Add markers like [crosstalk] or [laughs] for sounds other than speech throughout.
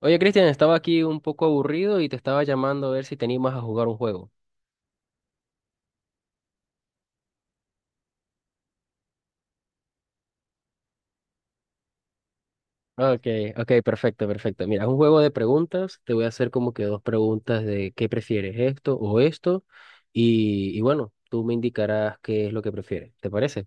Oye, Cristian, estaba aquí un poco aburrido y te estaba llamando a ver si te animas a jugar un juego. Ah, Ok, ok, perfecto, perfecto. Mira, es un juego de preguntas. Te voy a hacer como que dos preguntas de qué prefieres, esto o esto. Y bueno, tú me indicarás qué es lo que prefieres. ¿Te parece?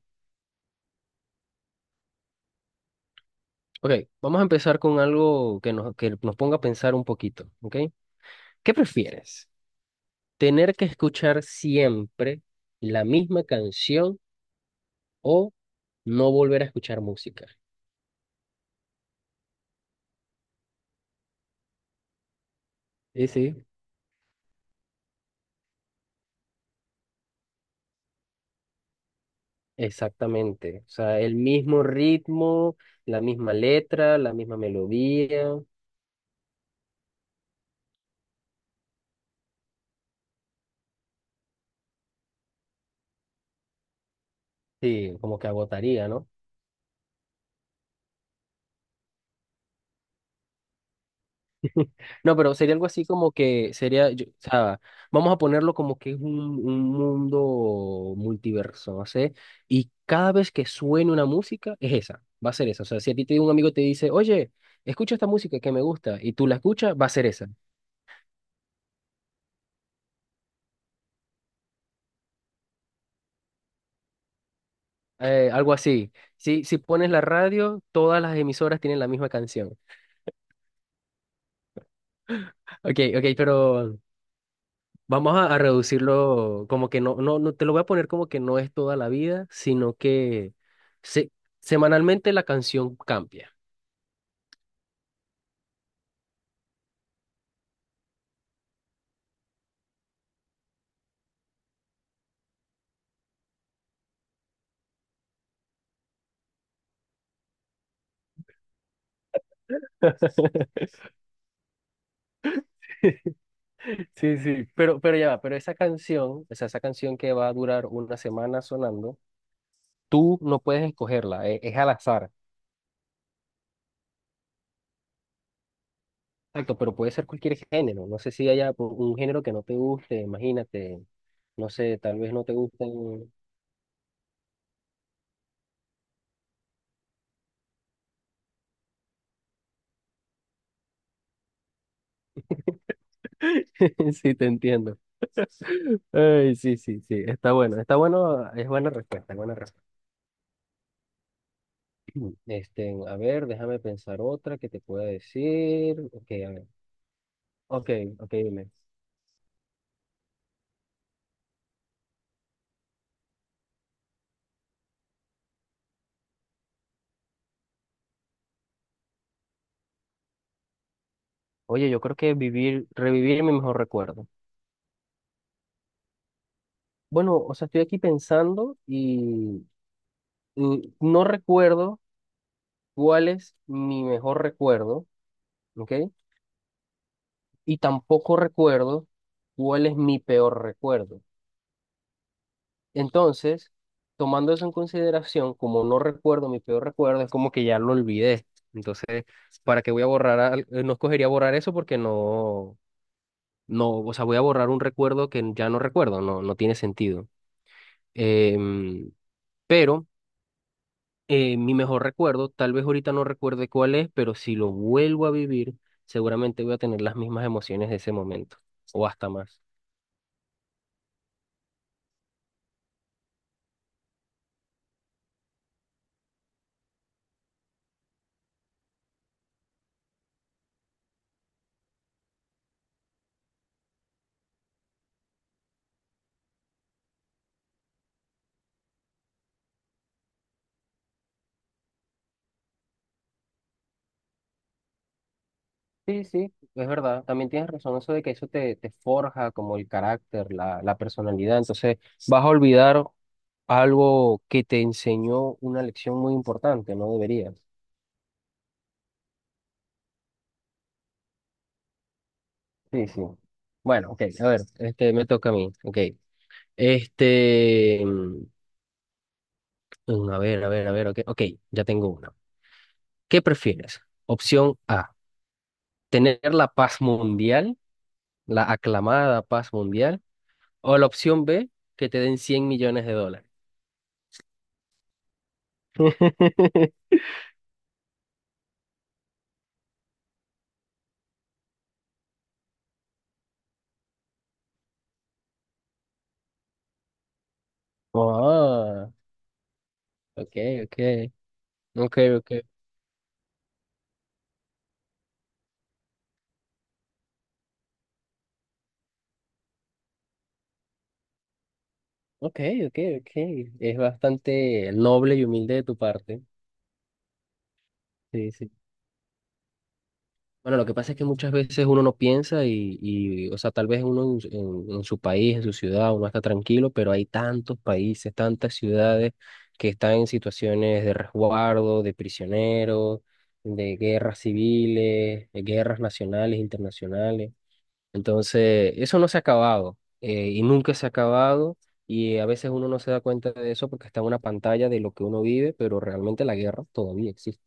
Ok, vamos a empezar con algo que nos ponga a pensar un poquito. ¿Ok? ¿Qué prefieres? ¿Tener que escuchar siempre la misma canción o no volver a escuchar música? Sí, sí. Exactamente, o sea, el mismo ritmo, la misma letra, la misma melodía, sí, como que agotaría, ¿no? No, pero sería algo así como que sería, o sea, vamos a ponerlo como que es un mundo multiverso, no sé, y cada vez que suene una música es esa, va a ser esa, o sea, si a ti te, un amigo te dice, oye, escucha esta música que me gusta, y tú la escuchas, va a ser esa. Algo así, si, si pones la radio, todas las emisoras tienen la misma canción. Ok, ok, pero vamos a reducirlo como que no, te lo voy a poner como que no es toda la vida, sino que se- semanalmente la canción cambia. [laughs] Sí, sí, pero ya va, pero esa canción, o sea, esa canción que va a durar una semana sonando, tú no puedes escogerla, es, al azar. Exacto, pero puede ser cualquier género. No sé si haya un género que no te guste, imagínate. No sé, tal vez no te gusten. [laughs] Sí, te entiendo. Ay, sí, sí, sí. Está bueno, es buena respuesta, es buena respuesta. [clears throat] Este, a ver, déjame pensar otra que te pueda decir. Ok, a ver. Ok, ok, dime. Oye, yo creo que revivir mi mejor recuerdo. Bueno, o sea, estoy aquí pensando y no recuerdo cuál es mi mejor recuerdo, ¿ok? Y tampoco recuerdo cuál es mi peor recuerdo. Entonces, tomando eso en consideración, como no recuerdo mi peor recuerdo, es como que ya lo olvidé. Entonces, ¿para qué voy a borrar? No escogería borrar eso porque no, no, o sea, voy a borrar un recuerdo que ya no recuerdo, no, no tiene sentido. Em, pero mi mejor recuerdo, tal vez ahorita no recuerde cuál es, pero si lo vuelvo a vivir, seguramente voy a tener las mismas emociones de ese momento, o hasta más. Sí, sí, es verdad. También tienes razón eso de que eso te, te forja como el carácter, la personalidad. Entonces vas a olvidar algo que te enseñó una lección muy importante, no deberías. Sí, sí. Bueno, ok, a ver, este me toca a mí. Ok. Este, a ver, a ver, a ver, ok, ok, ya tengo una. ¿Qué prefieres? Opción A, tener la paz mundial, la aclamada paz mundial, o la opción B, que te den $100 millones. [laughs] Oh, ok, ok, ok, ok, ok, ok, ok. Es bastante noble y humilde de tu parte. Sí, sí. Bueno, lo que pasa es que muchas veces uno no piensa y o sea, tal vez uno en, en su país, en su ciudad, uno está tranquilo, pero hay tantos países, tantas ciudades que están en situaciones de resguardo, de prisioneros, de guerras civiles, de guerras nacionales, internacionales. Entonces, eso no se ha acabado y nunca se ha acabado y a veces uno no se da cuenta de eso porque está en una pantalla de lo que uno vive, pero realmente la guerra todavía existe.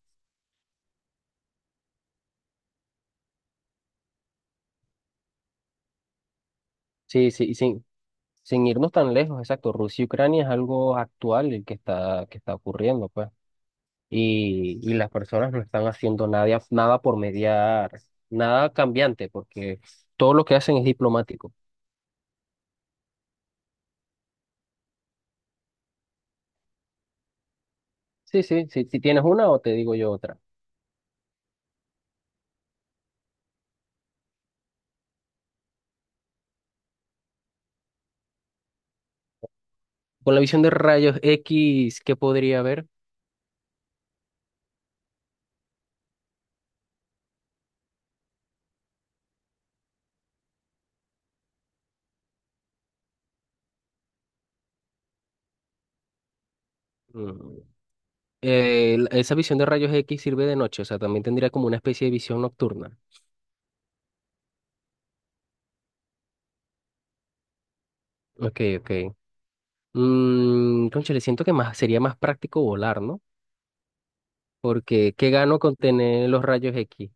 Sí, sí, y sin irnos tan lejos, exacto, Rusia y Ucrania es algo actual el que que está ocurriendo, pues. Y las personas no están haciendo nada, nada por mediar, nada cambiante, porque todo lo que hacen es diplomático. Sí, sí, sí, si tienes una o te digo yo otra. Con la visión de rayos X, ¿qué podría haber? Mm, esa visión de rayos X sirve de noche, o sea, también tendría como una especie de visión nocturna. Ok, ok. Mm, cónchale, siento que más, sería más práctico volar, ¿no? Porque, ¿qué gano con tener los rayos X?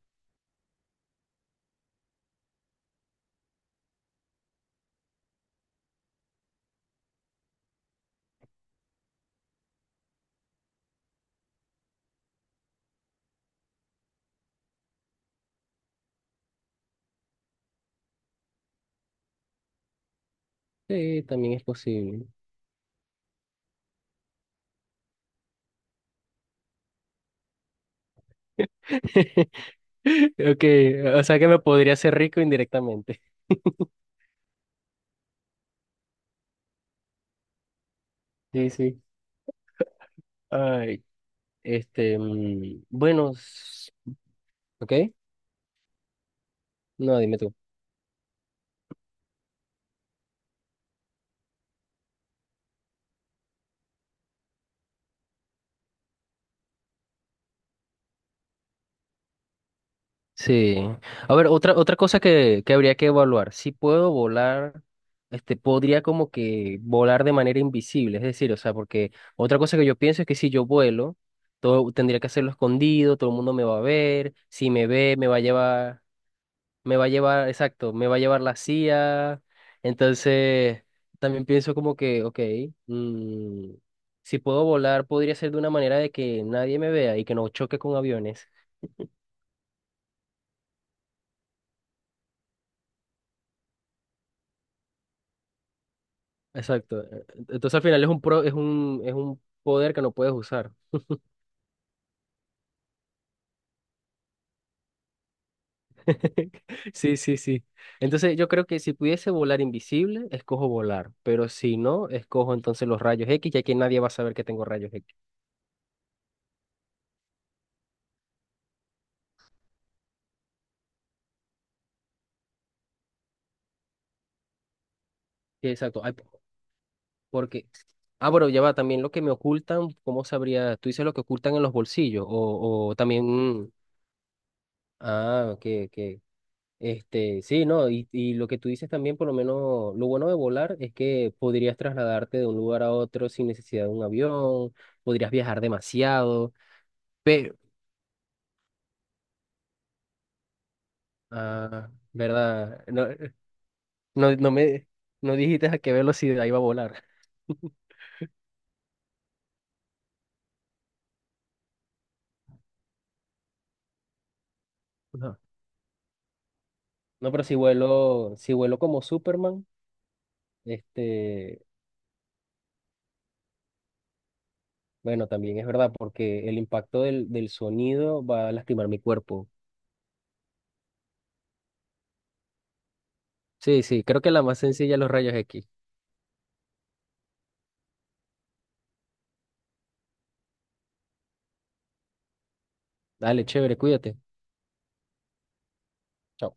Sí, también es posible. [laughs] Ok, o sea que me podría hacer rico indirectamente. [laughs] Sí, sí. Ay, este, bueno, ok. No, dime tú. Sí. A ver, otra cosa que habría que evaluar. Si puedo volar, este, podría como que volar de manera invisible. Es decir, o sea, porque otra cosa que yo pienso es que si yo vuelo, todo tendría que hacerlo escondido, todo el mundo me va a ver. Si me ve, me va a llevar, me va a llevar, exacto, me va a llevar la CIA. Entonces, también pienso como que, ok, mm, si puedo volar, podría ser de una manera de que nadie me vea y que no choque con aviones. Exacto. Entonces al final es un pro, es un poder que no puedes usar. [laughs] Sí, sí, sí. Entonces yo creo que si pudiese volar invisible, escojo volar, pero si no, escojo entonces los rayos X, ya que nadie va a saber que tengo rayos X. Sí, exacto. Ay, porque, ah, bueno, ya va, también lo que me ocultan, ¿cómo sabría? Tú dices lo que ocultan en los bolsillos, o también, mm, ah, ok, ok. Este, sí, no, y lo que tú dices también, por lo menos, lo bueno de volar es que podrías trasladarte de un lugar a otro sin necesidad de un avión, podrías viajar demasiado, pero, ah, ¿verdad? No, no, no dijiste a qué velocidad iba a volar. [laughs] No, no, pero si vuelo, si vuelo como Superman, este, bueno, también es verdad, porque el impacto del sonido va a lastimar mi cuerpo. Sí, sí, creo que la más sencilla es los rayos X. Dale, chévere, cuídate. Chao.